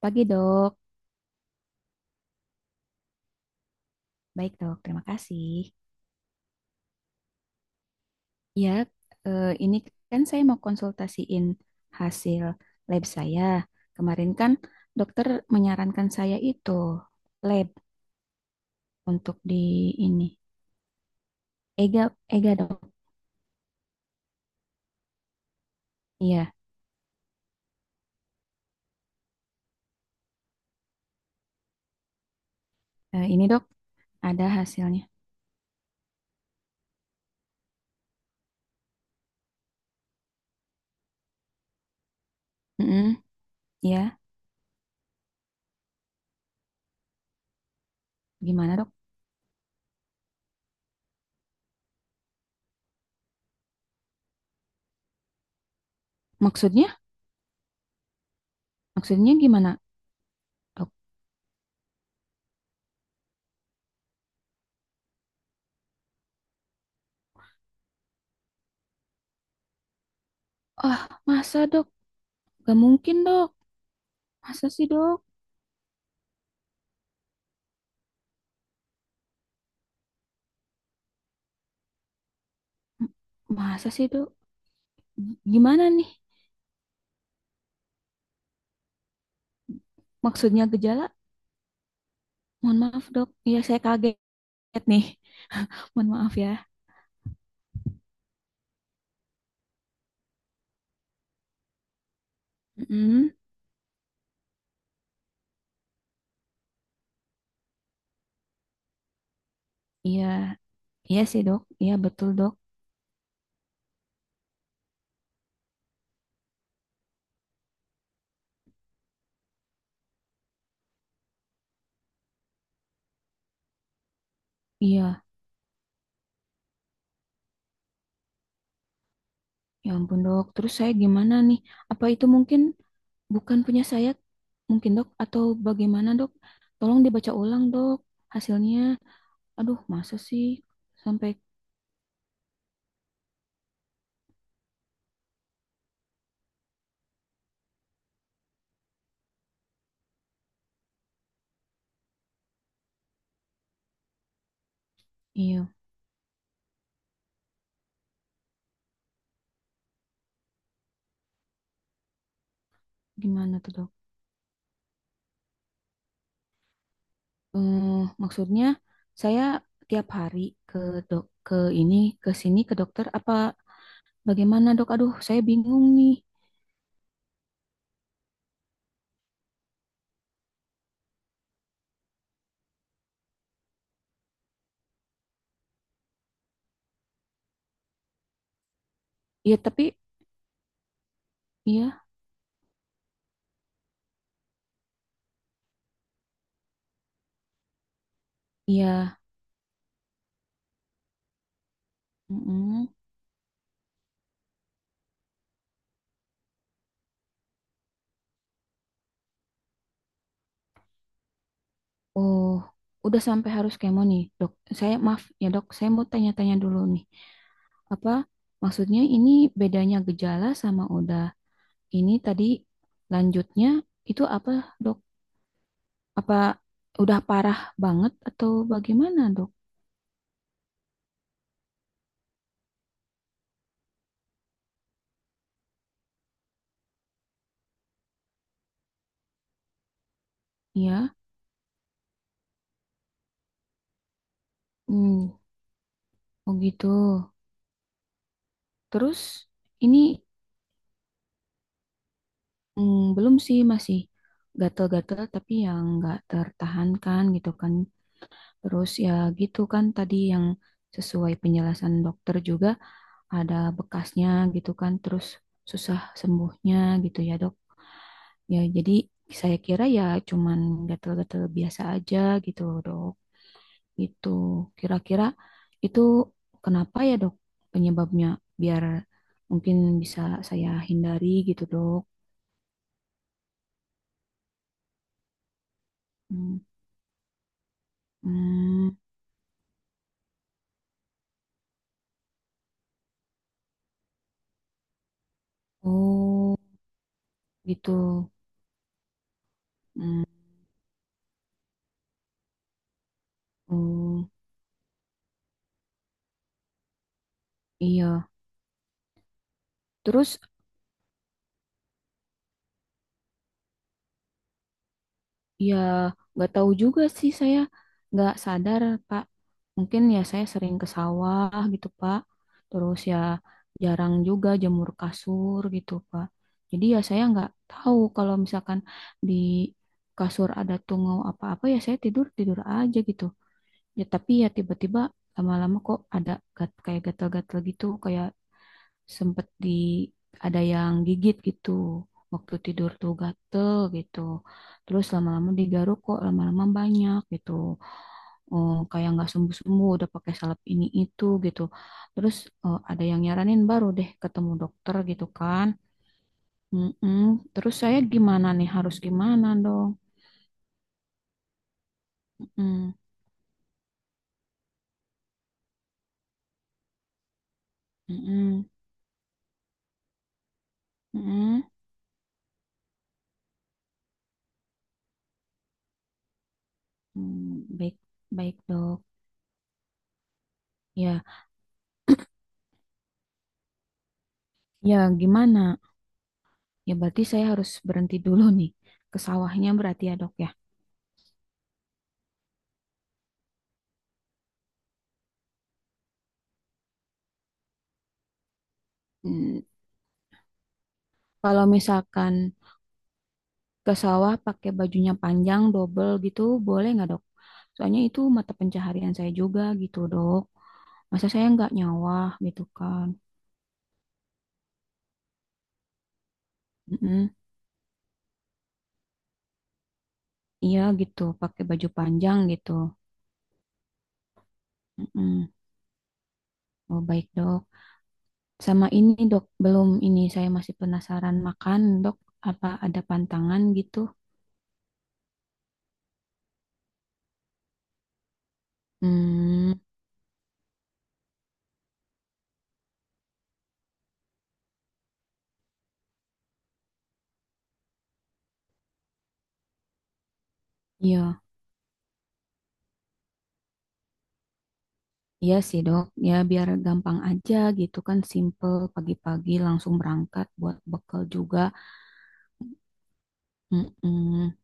Pagi dok, baik dok, terima kasih. Ya, ini kan saya mau konsultasiin hasil lab saya. Kemarin kan dokter menyarankan saya itu lab untuk di ini. Ega, Ega dok. Iya, ini dok ada hasilnya. Mm-mm. Iya, gimana dok? Maksudnya, maksudnya gimana dok? Ah, masa dok? Gak mungkin dok. Masa sih dok? M- Masa sih dok? Gimana nih? Maksudnya gejala. Mohon maaf dok, iya saya kaget nih. Mohon maaf ya. Mm, iya, iya sih dok, iya betul dok. Iya, ya ampun dok. Terus saya gimana nih? Apa itu mungkin bukan punya saya? Mungkin dok atau bagaimana dok? Tolong dibaca ulang dok hasilnya. Aduh, masa sih sampai iya gimana tuh dok? Eh, maksudnya saya tiap hari ke dok ke ini ke sini ke dokter apa bagaimana dok? Aduh, saya bingung nih. Iya, tapi iya, iya. Mm-mm. Oh, udah sampai harus kemo nih, dok. Saya maaf ya dok, saya mau tanya-tanya dulu nih. Apa maksudnya ini bedanya gejala sama udah ini tadi lanjutnya itu apa dok? Apa udah parah banget atau bagaimana dok? Iya, hmm, oh gitu. Terus ini belum sih masih gatel-gatel tapi yang nggak tertahankan gitu kan. Terus ya gitu kan tadi yang sesuai penjelasan dokter juga ada bekasnya gitu kan, terus susah sembuhnya gitu ya dok. Ya jadi saya kira ya cuman gatal-gatal biasa aja gitu loh dok. Itu kira-kira itu kenapa ya dok penyebabnya biar mungkin bisa saya hindari gitu dok. Hmm, hmm, oh gitu. Hmm, oh, iya. Terus ya, nggak tahu juga sih saya nggak sadar Pak. Mungkin ya saya sering ke sawah gitu Pak. Terus ya jarang juga jemur kasur gitu Pak. Jadi ya saya nggak tahu kalau misalkan di kasur ada tungau apa-apa ya saya tidur tidur aja gitu. Ya tapi ya tiba-tiba lama-lama kok ada kayak gatal-gatal gitu kayak sempet di ada yang gigit gitu waktu tidur tuh gatel gitu terus lama-lama digaruk kok lama-lama banyak gitu. Oh, kayak nggak sembuh-sembuh udah pakai salep ini itu gitu terus ada yang nyaranin baru deh ketemu dokter gitu kan. Mm-mm. Terus saya gimana nih harus gimana dong. Mm-mm. Mm-mm. Mm-mm. Baik, baik dok, ya, ya, gimana. Ya berarti saya harus berhenti dulu nih ke sawahnya berarti ya dok ya. Hmm, kalau misalkan ke sawah pakai bajunya panjang double gitu boleh nggak dok? Soalnya itu mata pencaharian saya juga gitu dok. Masa saya nggak nyawah gitu kan? Mm-mm. Iya gitu pakai baju panjang gitu. Mm-mm. Oh baik dok. Sama ini dok belum ini saya masih penasaran makan dok. Apa ada pantangan gitu? Hmm, iya. Iya sih dok, ya biar gampang aja gitu kan, simple pagi-pagi langsung berangkat buat bekal juga. Mm-mm.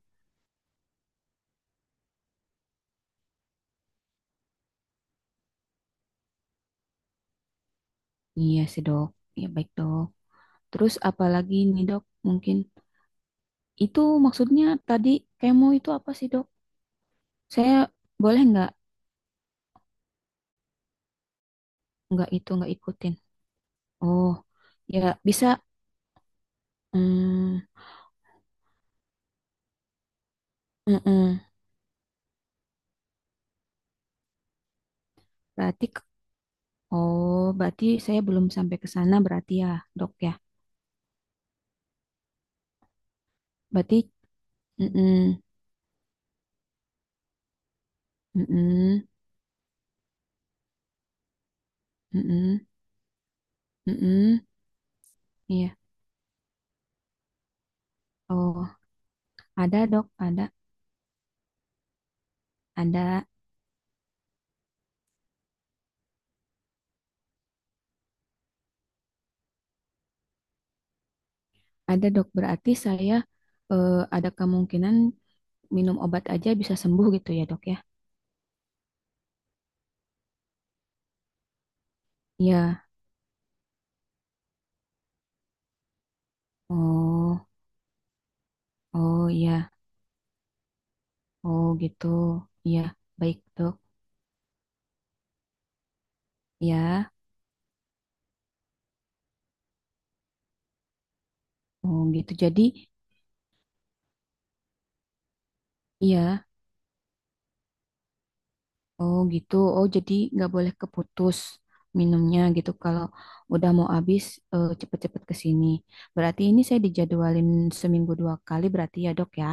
Iya sih dok, ya baik dok. Terus apalagi nih dok, mungkin itu maksudnya tadi kemo itu apa sih dok? Saya boleh nggak itu nggak ikutin? Oh, ya bisa. Mm, mm-mm. Berarti k- oh berarti saya belum sampai ke sana berarti ya dok ya. Berarti mm-mm, mm-mm, mm-mm, mm-mm. Iya. Oh, ada dok, ada, ada dok. Berarti saya ada kemungkinan minum obat aja bisa sembuh gitu ya dok ya? Iya. Oh, oh iya. Oh gitu. Iya, baik dok. Ya. Oh gitu. Jadi, iya. Oh gitu. Oh jadi nggak boleh keputus minumnya gitu. Kalau udah mau habis, cepet-cepet ke sini. Berarti ini saya dijadwalin seminggu 2 kali berarti ya dok ya?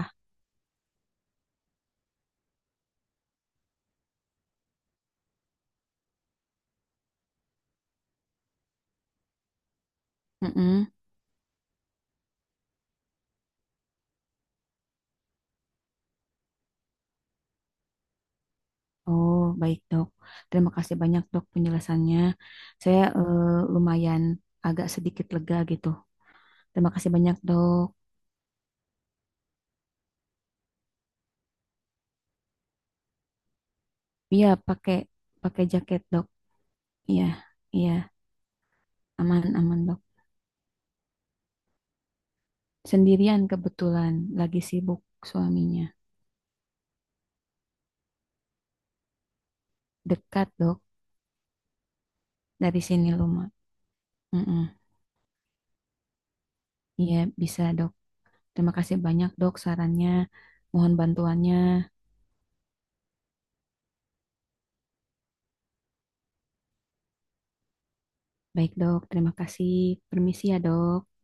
Mm-mm. Oh, baik, Dok. Terima kasih banyak, Dok, penjelasannya. Saya lumayan agak sedikit lega gitu. Terima kasih banyak, Dok. Iya, pakai pakai jaket, Dok. Iya, iya, aman, aman, Dok. Sendirian kebetulan, lagi sibuk suaminya. Dekat, Dok, dari sini rumah. Mm-mm. Iya, bisa, Dok. Terima kasih banyak, Dok, sarannya. Mohon bantuannya. Baik, Dok. Terima kasih. Permisi ya, Dok.